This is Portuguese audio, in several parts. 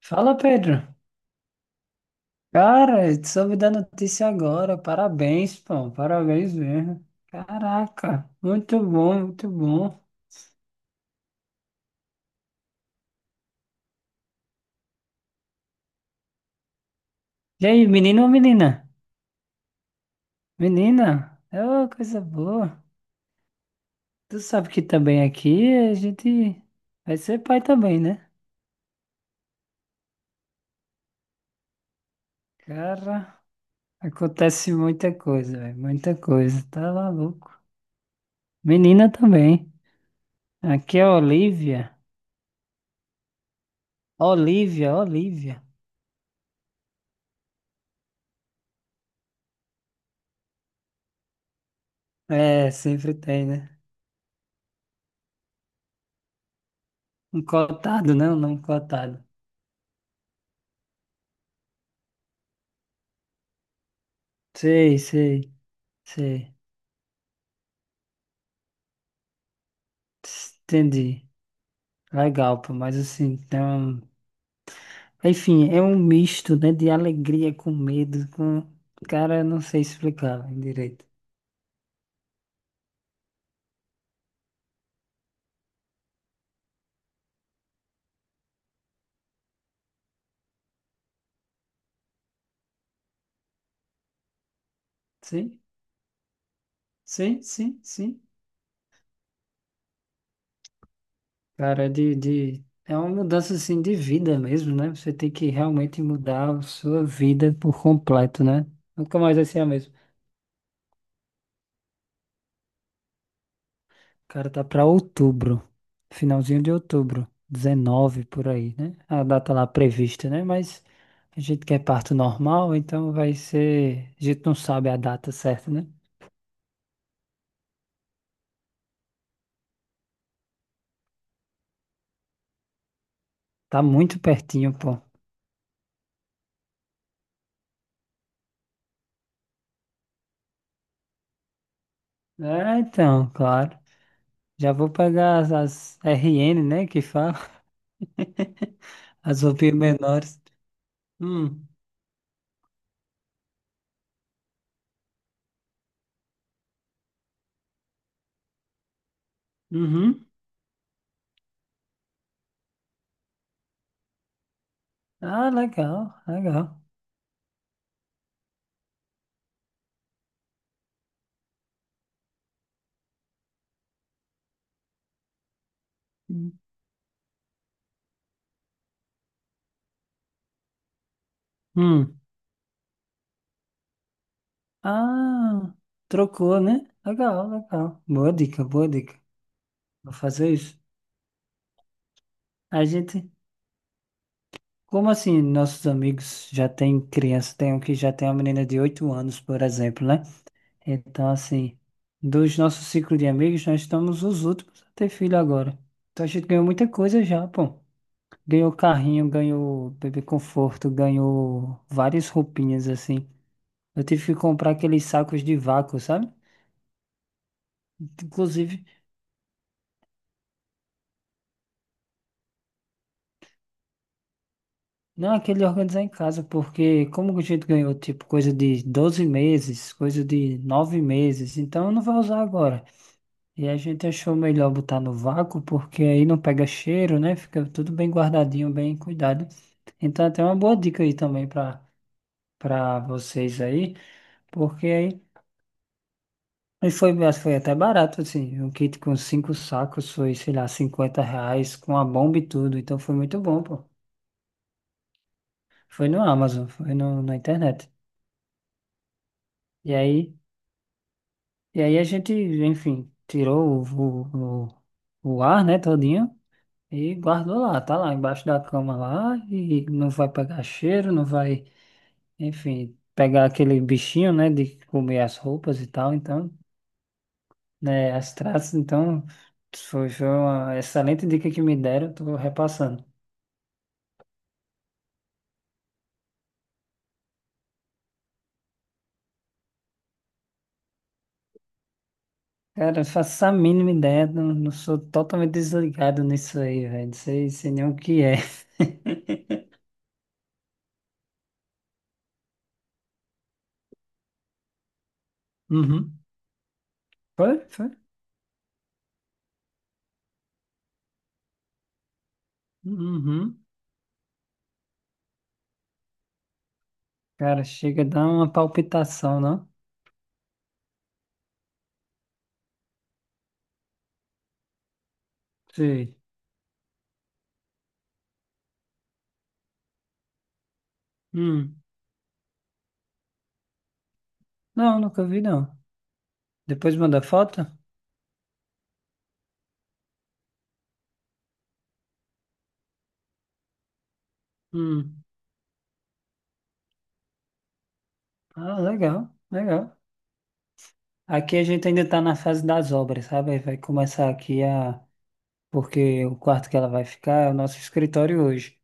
Fala, Pedro. Cara, eu soube da notícia agora. Parabéns, pô. Parabéns mesmo. Caraca, muito bom, muito bom. E aí, menino ou menina? Menina, ô, coisa boa. Tu sabe que também aqui a gente vai ser pai também, né? Cara, acontece muita coisa, velho. Muita coisa. Tá maluco. Menina também. Aqui é a Olivia. Olivia, Olivia. É, sempre tem, né? Um cotado, né? Um nome cotado. Sei, sei, sei. Entendi. Legal, pô, mas assim, então. Enfim, é um misto, né, de alegria com medo, com. Cara, eu não sei explicar direito. Sim, sim, sim, sim. Cara, é uma mudança assim de vida mesmo, né? Você tem que realmente mudar a sua vida por completo, né? Nunca mais vai ser a mesma. Cara, tá pra outubro, finalzinho de outubro, 19 por aí, né? A data lá prevista, né? Mas a gente quer parto normal, então vai ser. A gente não sabe a data certa, né? Tá muito pertinho, pô. É, então, claro. Já vou pegar as RN, né? Que fala. As roupinhas menores. Hum, uhum. Ah, legal, legal. Hum. Ah, trocou, né? Legal, legal. Boa dica, boa dica. Vou fazer isso. A gente, como assim, nossos amigos já têm criança, tem um que já tem uma menina de 8 anos, por exemplo, né? Então, assim, dos nossos ciclos de amigos, nós estamos os últimos a ter filho agora. Então a gente ganhou muita coisa já, pô. Ganhou carrinho, ganhou bebê conforto, ganhou várias roupinhas, assim. Eu tive que comprar aqueles sacos de vácuo, sabe? Inclusive, não, aquele organizar em casa, porque como a gente ganhou, tipo, coisa de 12 meses, coisa de 9 meses, então não vai usar agora. E a gente achou melhor botar no vácuo, porque aí não pega cheiro, né? Fica tudo bem guardadinho, bem cuidado. Então, até uma boa dica aí também para vocês aí, porque aí e foi, mas foi até barato, assim. Um kit com 5 sacos foi, sei lá, R$ 50, com a bomba e tudo. Então, foi muito bom, pô. Foi no Amazon, foi no, na internet. E aí. E aí a gente, enfim, tirou ar, né, todinho e guardou lá, tá lá embaixo da cama lá e não vai pegar cheiro, não vai, enfim, pegar aquele bichinho, né, de comer as roupas e tal, então, né, as traças, então, foi, foi uma excelente dica que me deram, tô repassando. Cara, eu faço a mínima ideia, não, não sou totalmente desligado nisso aí, velho, não sei, sei nem o que é. Uhum. Foi, foi. Uhum. Cara, chega a dar uma palpitação, não? Sei. Hum. Não, nunca vi, não. Depois manda foto? Hum. Ah, legal, legal. Aqui a gente ainda tá na fase das obras, sabe? Aí vai começar aqui a... Porque o quarto que ela vai ficar é o nosso escritório hoje.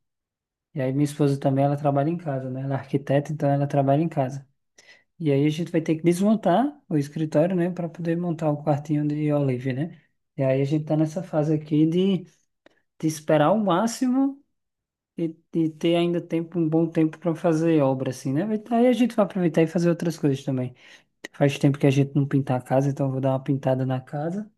E aí minha esposa também, ela trabalha em casa, né? Ela é arquiteta, então ela trabalha em casa. E aí a gente vai ter que desmontar o escritório, né? Para poder montar o quartinho de Olive, né? E aí a gente tá nessa fase aqui de esperar o máximo e ter ainda tempo, um bom tempo para fazer obra, assim, né? Vai- aí a gente vai aproveitar e fazer outras coisas também. Faz tempo que a gente não pinta a casa, então eu vou dar uma pintada na casa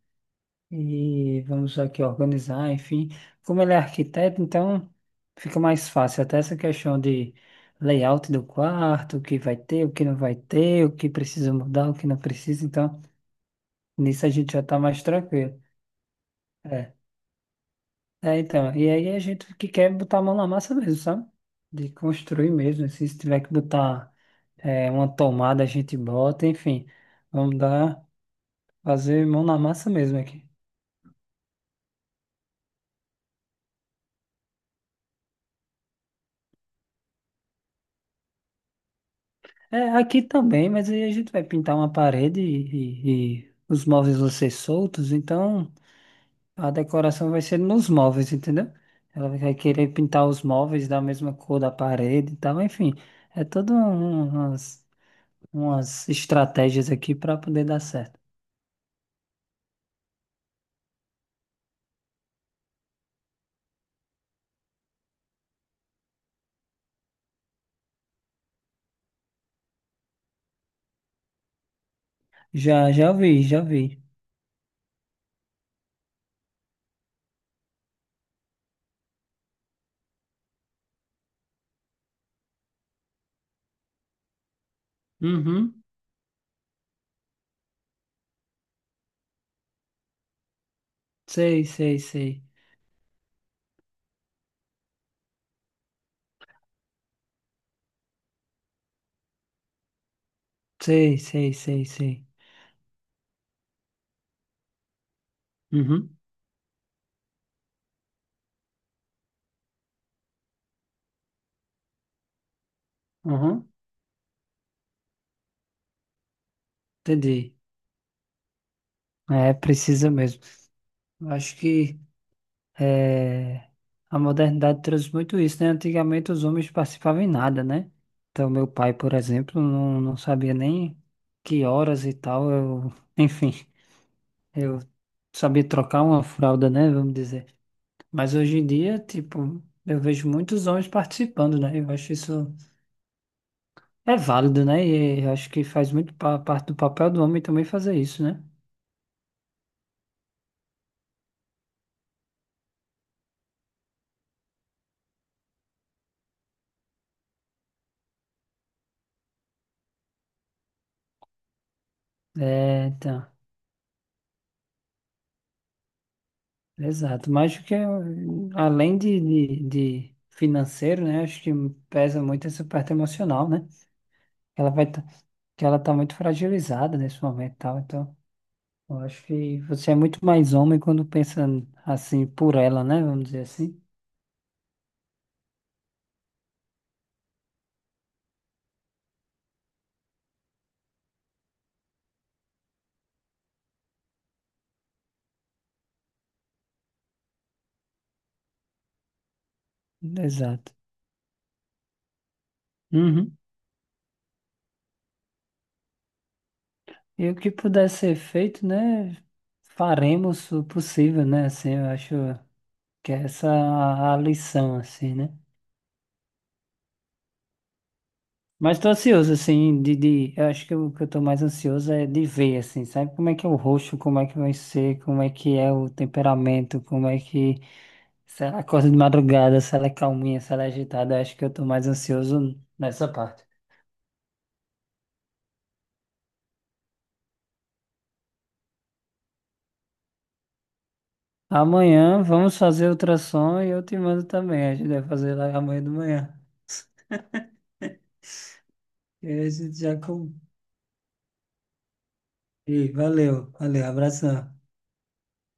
e vamos aqui organizar, enfim. Como ele é arquiteto, então fica mais fácil. Até essa questão de layout do quarto, o que vai ter, o que não vai ter, o que precisa mudar, o que não precisa. Então, nisso a gente já tá mais tranquilo. É. É, então, e aí é a gente que quer botar a mão na massa mesmo, sabe? De construir mesmo, assim, se tiver que botar é, uma tomada, a gente bota, enfim, vamos dar, fazer mão na massa mesmo aqui. É, aqui também, mas aí a gente vai pintar uma parede e os móveis vão ser soltos, então a decoração vai ser nos móveis, entendeu? Ela vai querer pintar os móveis da mesma cor da parede e tal, enfim, é todas umas, umas estratégias aqui para poder dar certo. Já, já vi, já vi. Uhum. Sei, sei, sei. Sei, sei, sei, sei. Uhum. Uhum. Entendi. É, precisa mesmo. Eu acho que é, a modernidade trouxe muito isso, né? Antigamente os homens participavam em nada, né? Então, meu pai, por exemplo, não, não sabia nem que horas e tal. Eu, enfim, eu sabia trocar uma fralda, né? Vamos dizer. Mas hoje em dia, tipo, eu vejo muitos homens participando, né? Eu acho isso. É válido, né? E acho que faz muito parte do papel do homem também fazer isso, né? É, tá. Exato. Mas acho que é, além de financeiro, né? Acho que pesa muito essa parte emocional, né? Ela vai tá, que ela tá muito fragilizada nesse momento, e tal. Então, eu acho que você é muito mais homem quando pensa assim por ela, né? Vamos dizer assim. Exato. Uhum. E o que puder ser feito, né? Faremos o possível, né? Assim, eu acho. Que é essa a lição, assim, né? Mas tô ansioso, assim, eu acho que o que eu tô mais ansioso é de ver, assim, sabe como é que é o rosto, como é que vai ser, como é que é o temperamento, como é que, se ela acorda de madrugada, se ela é calminha, se ela é agitada, eu acho que eu tô mais ansioso nessa parte. Amanhã vamos fazer ultrassom e eu te mando também, a gente vai fazer lá amanhã de manhã. E aí a gente já com... E valeu, valeu, abração.